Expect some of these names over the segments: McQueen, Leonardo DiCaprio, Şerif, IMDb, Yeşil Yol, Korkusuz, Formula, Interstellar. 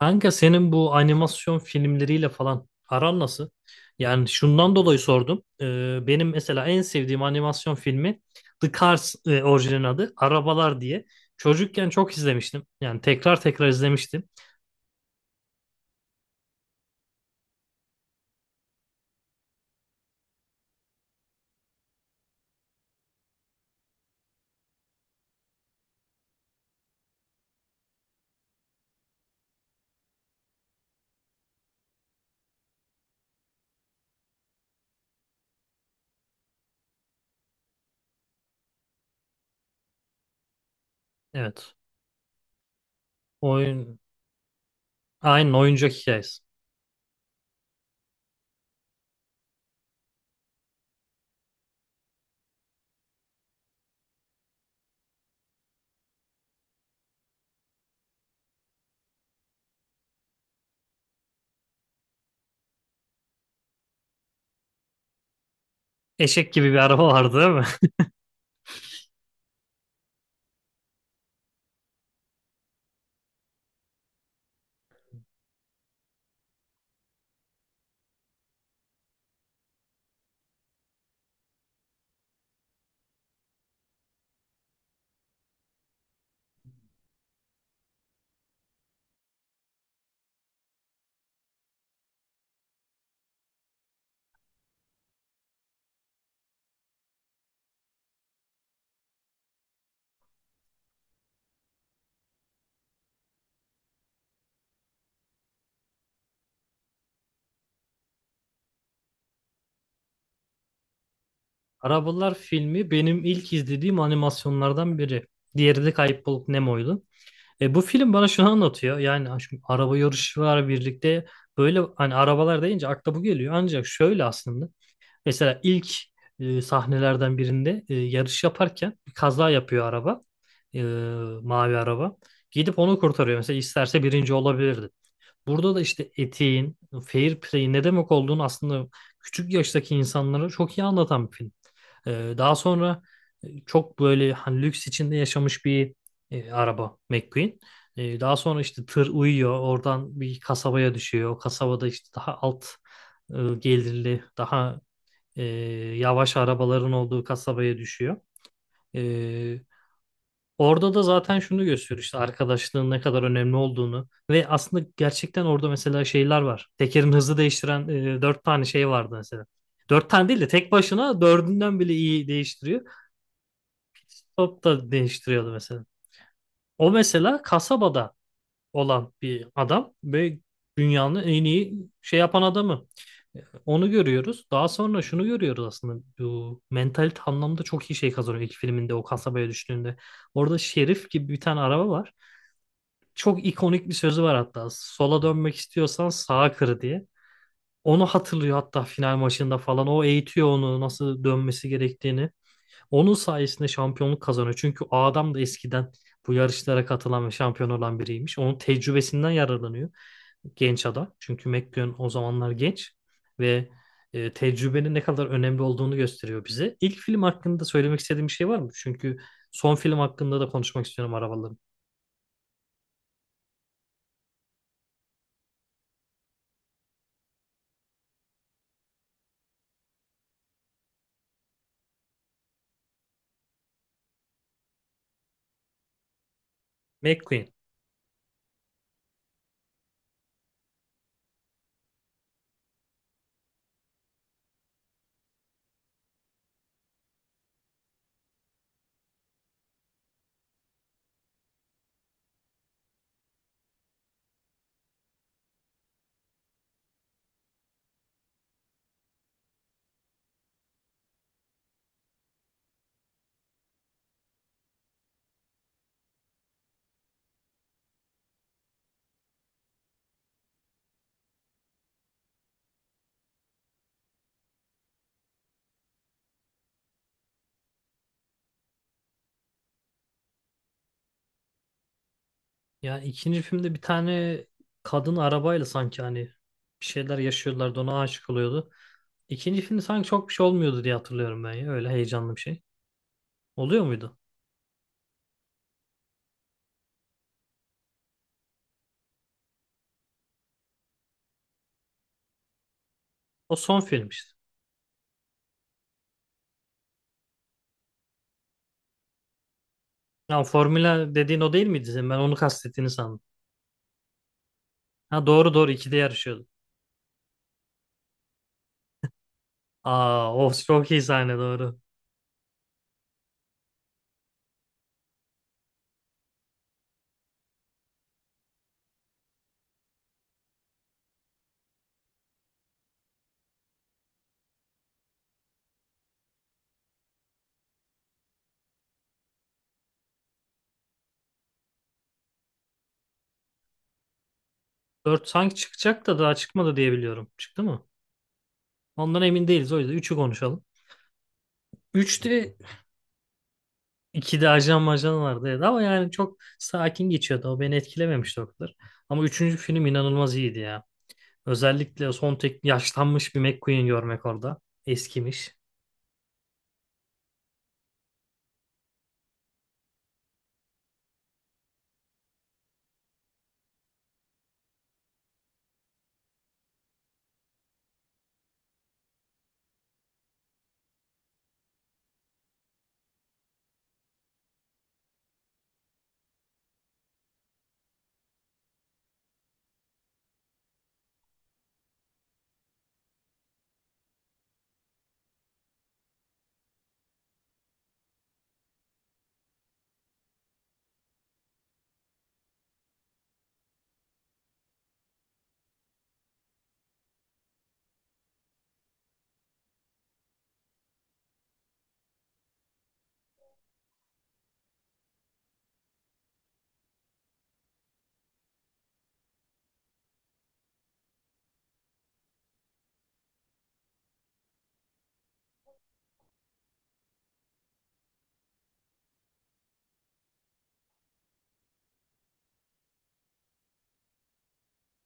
Kanka senin bu animasyon filmleriyle falan aran nasıl? Yani şundan dolayı sordum. Benim mesela en sevdiğim animasyon filmi The Cars orijinalin adı. Arabalar diye. Çocukken çok izlemiştim. Yani tekrar tekrar izlemiştim. Evet. Oyun, aynen oyuncak hikayesi. Eşek gibi bir araba vardı değil mi? Arabalar filmi benim ilk izlediğim animasyonlardan biri. Diğeri de Kayıp Balık Nemo'ydu. Bu film bana şunu anlatıyor. Yani ha, şu araba yarışı var birlikte. Böyle hani arabalar deyince akla bu geliyor. Ancak şöyle aslında. Mesela ilk sahnelerden birinde yarış yaparken bir kaza yapıyor araba. E, mavi araba. Gidip onu kurtarıyor. Mesela isterse birinci olabilirdi. Burada da işte etiğin, fair play'in ne demek olduğunu aslında küçük yaştaki insanlara çok iyi anlatan bir film. Daha sonra çok böyle hani lüks içinde yaşamış bir araba McQueen. Daha sonra işte tır uyuyor, oradan bir kasabaya düşüyor. O kasabada işte daha alt gelirli, daha e, yavaş arabaların olduğu kasabaya düşüyor. Ee, orada da zaten şunu gösteriyor işte arkadaşlığın ne kadar önemli olduğunu ve aslında gerçekten orada mesela şeyler var. Tekerin hızı değiştiren dört tane şey vardı mesela. Dört tane değil de tek başına dördünden bile iyi değiştiriyor. Top da değiştiriyordu mesela. O mesela kasabada olan bir adam ve dünyanın en iyi şey yapan adamı. E, Onu görüyoruz. Daha sonra şunu görüyoruz aslında. Bu mentalite anlamda çok iyi şey kazanıyor ilk filminde o kasabaya düştüğünde. Orada Şerif gibi bir tane araba var. Çok ikonik bir sözü var hatta. Sola dönmek istiyorsan sağa kır diye. Onu hatırlıyor hatta final maçında falan. O eğitiyor onu nasıl dönmesi gerektiğini. Onun sayesinde şampiyonluk kazanıyor. Çünkü o adam da eskiden bu yarışlara katılan ve şampiyon olan biriymiş. Onun tecrübesinden yararlanıyor genç adam. Çünkü McLaren o zamanlar genç ve tecrübenin ne kadar önemli olduğunu gösteriyor bize. İlk film hakkında söylemek istediğim bir şey var mı? Çünkü son film hakkında da konuşmak istiyorum arabaların. McQueen. Ya ikinci filmde bir tane kadın arabayla sanki hani bir şeyler yaşıyorlardı ona aşık oluyordu. İkinci filmde sanki çok bir şey olmuyordu diye hatırlıyorum ben ya. Öyle heyecanlı bir şey. Oluyor muydu? O son film işte. Ya Formula dediğin o değil miydi senin? Ben onu kastettiğini sandım. Ha doğru doğru ikide yarışıyordu. Aa, o çok iyi sahne doğru. 4 sanki çıkacak da daha çıkmadı diye biliyorum. Çıktı mı? Ondan emin değiliz, o yüzden üçü konuşalım. 3'te 2'de ajan majan vardı, evet. Ama yani çok sakin geçiyordu. O beni etkilememişti o kadar. Ama üçüncü film inanılmaz iyiydi ya. Özellikle son tek yaşlanmış bir McQueen görmek orada. Eskimiş.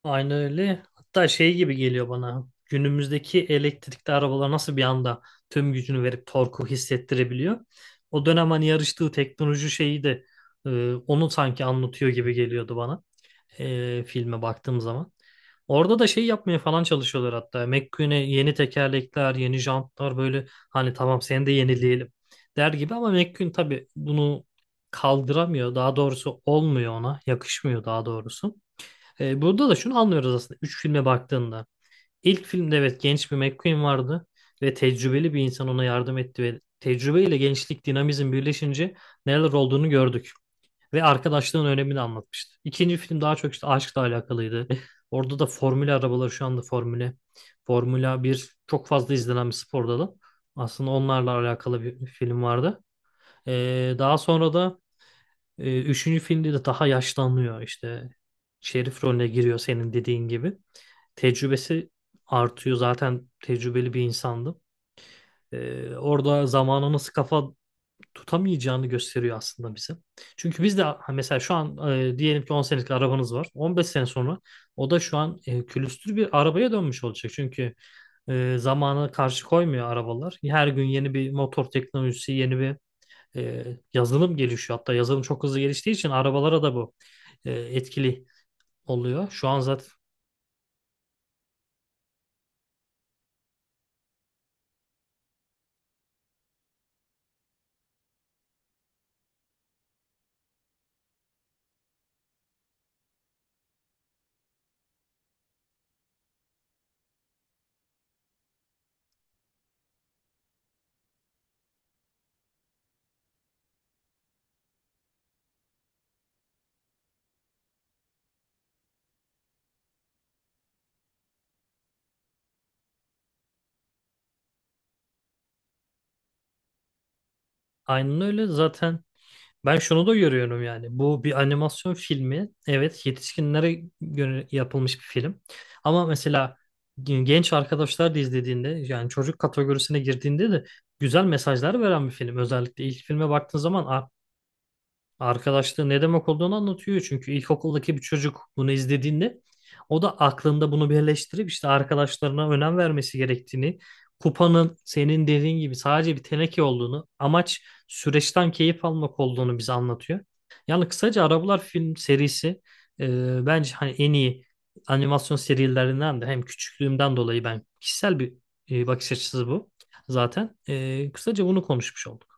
Aynı öyle. Hatta şey gibi geliyor bana. Günümüzdeki elektrikli arabalar nasıl bir anda tüm gücünü verip torku hissettirebiliyor. O dönem hani yarıştığı teknoloji şeyi de onu sanki anlatıyor gibi geliyordu bana filme baktığım zaman. Orada da şey yapmaya falan çalışıyorlar hatta. McQueen'e yeni tekerlekler, yeni jantlar böyle hani tamam seni de yenileyelim der gibi ama McQueen tabii bunu kaldıramıyor. Daha doğrusu olmuyor ona, yakışmıyor daha doğrusu. Burada da şunu anlıyoruz aslında üç filme baktığında. İlk filmde evet genç bir McQueen vardı ve tecrübeli bir insan ona yardım etti ve tecrübeyle gençlik dinamizm birleşince neler olduğunu gördük ve arkadaşlığın önemini anlatmıştı. İkinci film daha çok işte aşkla alakalıydı. Orada da formül arabaları şu anda formüle Formula bir çok fazla izlenen bir spor dalı. Aslında onlarla alakalı bir film vardı. Daha sonra da üçüncü filmde de daha yaşlanıyor işte şerif rolüne giriyor senin dediğin gibi. Tecrübesi artıyor. Zaten tecrübeli bir insandı. Orada zamana nasıl kafa tutamayacağını gösteriyor aslında bize. Çünkü biz de ha, mesela şu an diyelim ki 10 senelik arabanız var. 15 sene sonra o da şu an külüstür bir arabaya dönmüş olacak. Çünkü zamana karşı koymuyor arabalar. Her gün yeni bir motor teknolojisi, yeni bir e, yazılım gelişiyor. Hatta yazılım çok hızlı geliştiği için arabalara da bu etkili oluyor. Şu an zaten aynen öyle. Zaten ben şunu da görüyorum yani. Bu bir animasyon filmi. Evet, yetişkinlere göre yapılmış bir film. Ama mesela genç arkadaşlar da izlediğinde yani çocuk kategorisine girdiğinde de güzel mesajlar veren bir film. Özellikle ilk filme baktığın zaman arkadaşlığı ne demek olduğunu anlatıyor. Çünkü ilkokuldaki bir çocuk bunu izlediğinde o da aklında bunu birleştirip işte arkadaşlarına önem vermesi gerektiğini, kupanın senin dediğin gibi sadece bir teneke olduğunu, amaç süreçten keyif almak olduğunu bize anlatıyor. Yani kısaca Arabalar film serisi bence hani en iyi animasyon serilerinden de hem küçüklüğümden dolayı ben kişisel bir bakış açısı bu zaten. Kısaca bunu konuşmuş olduk.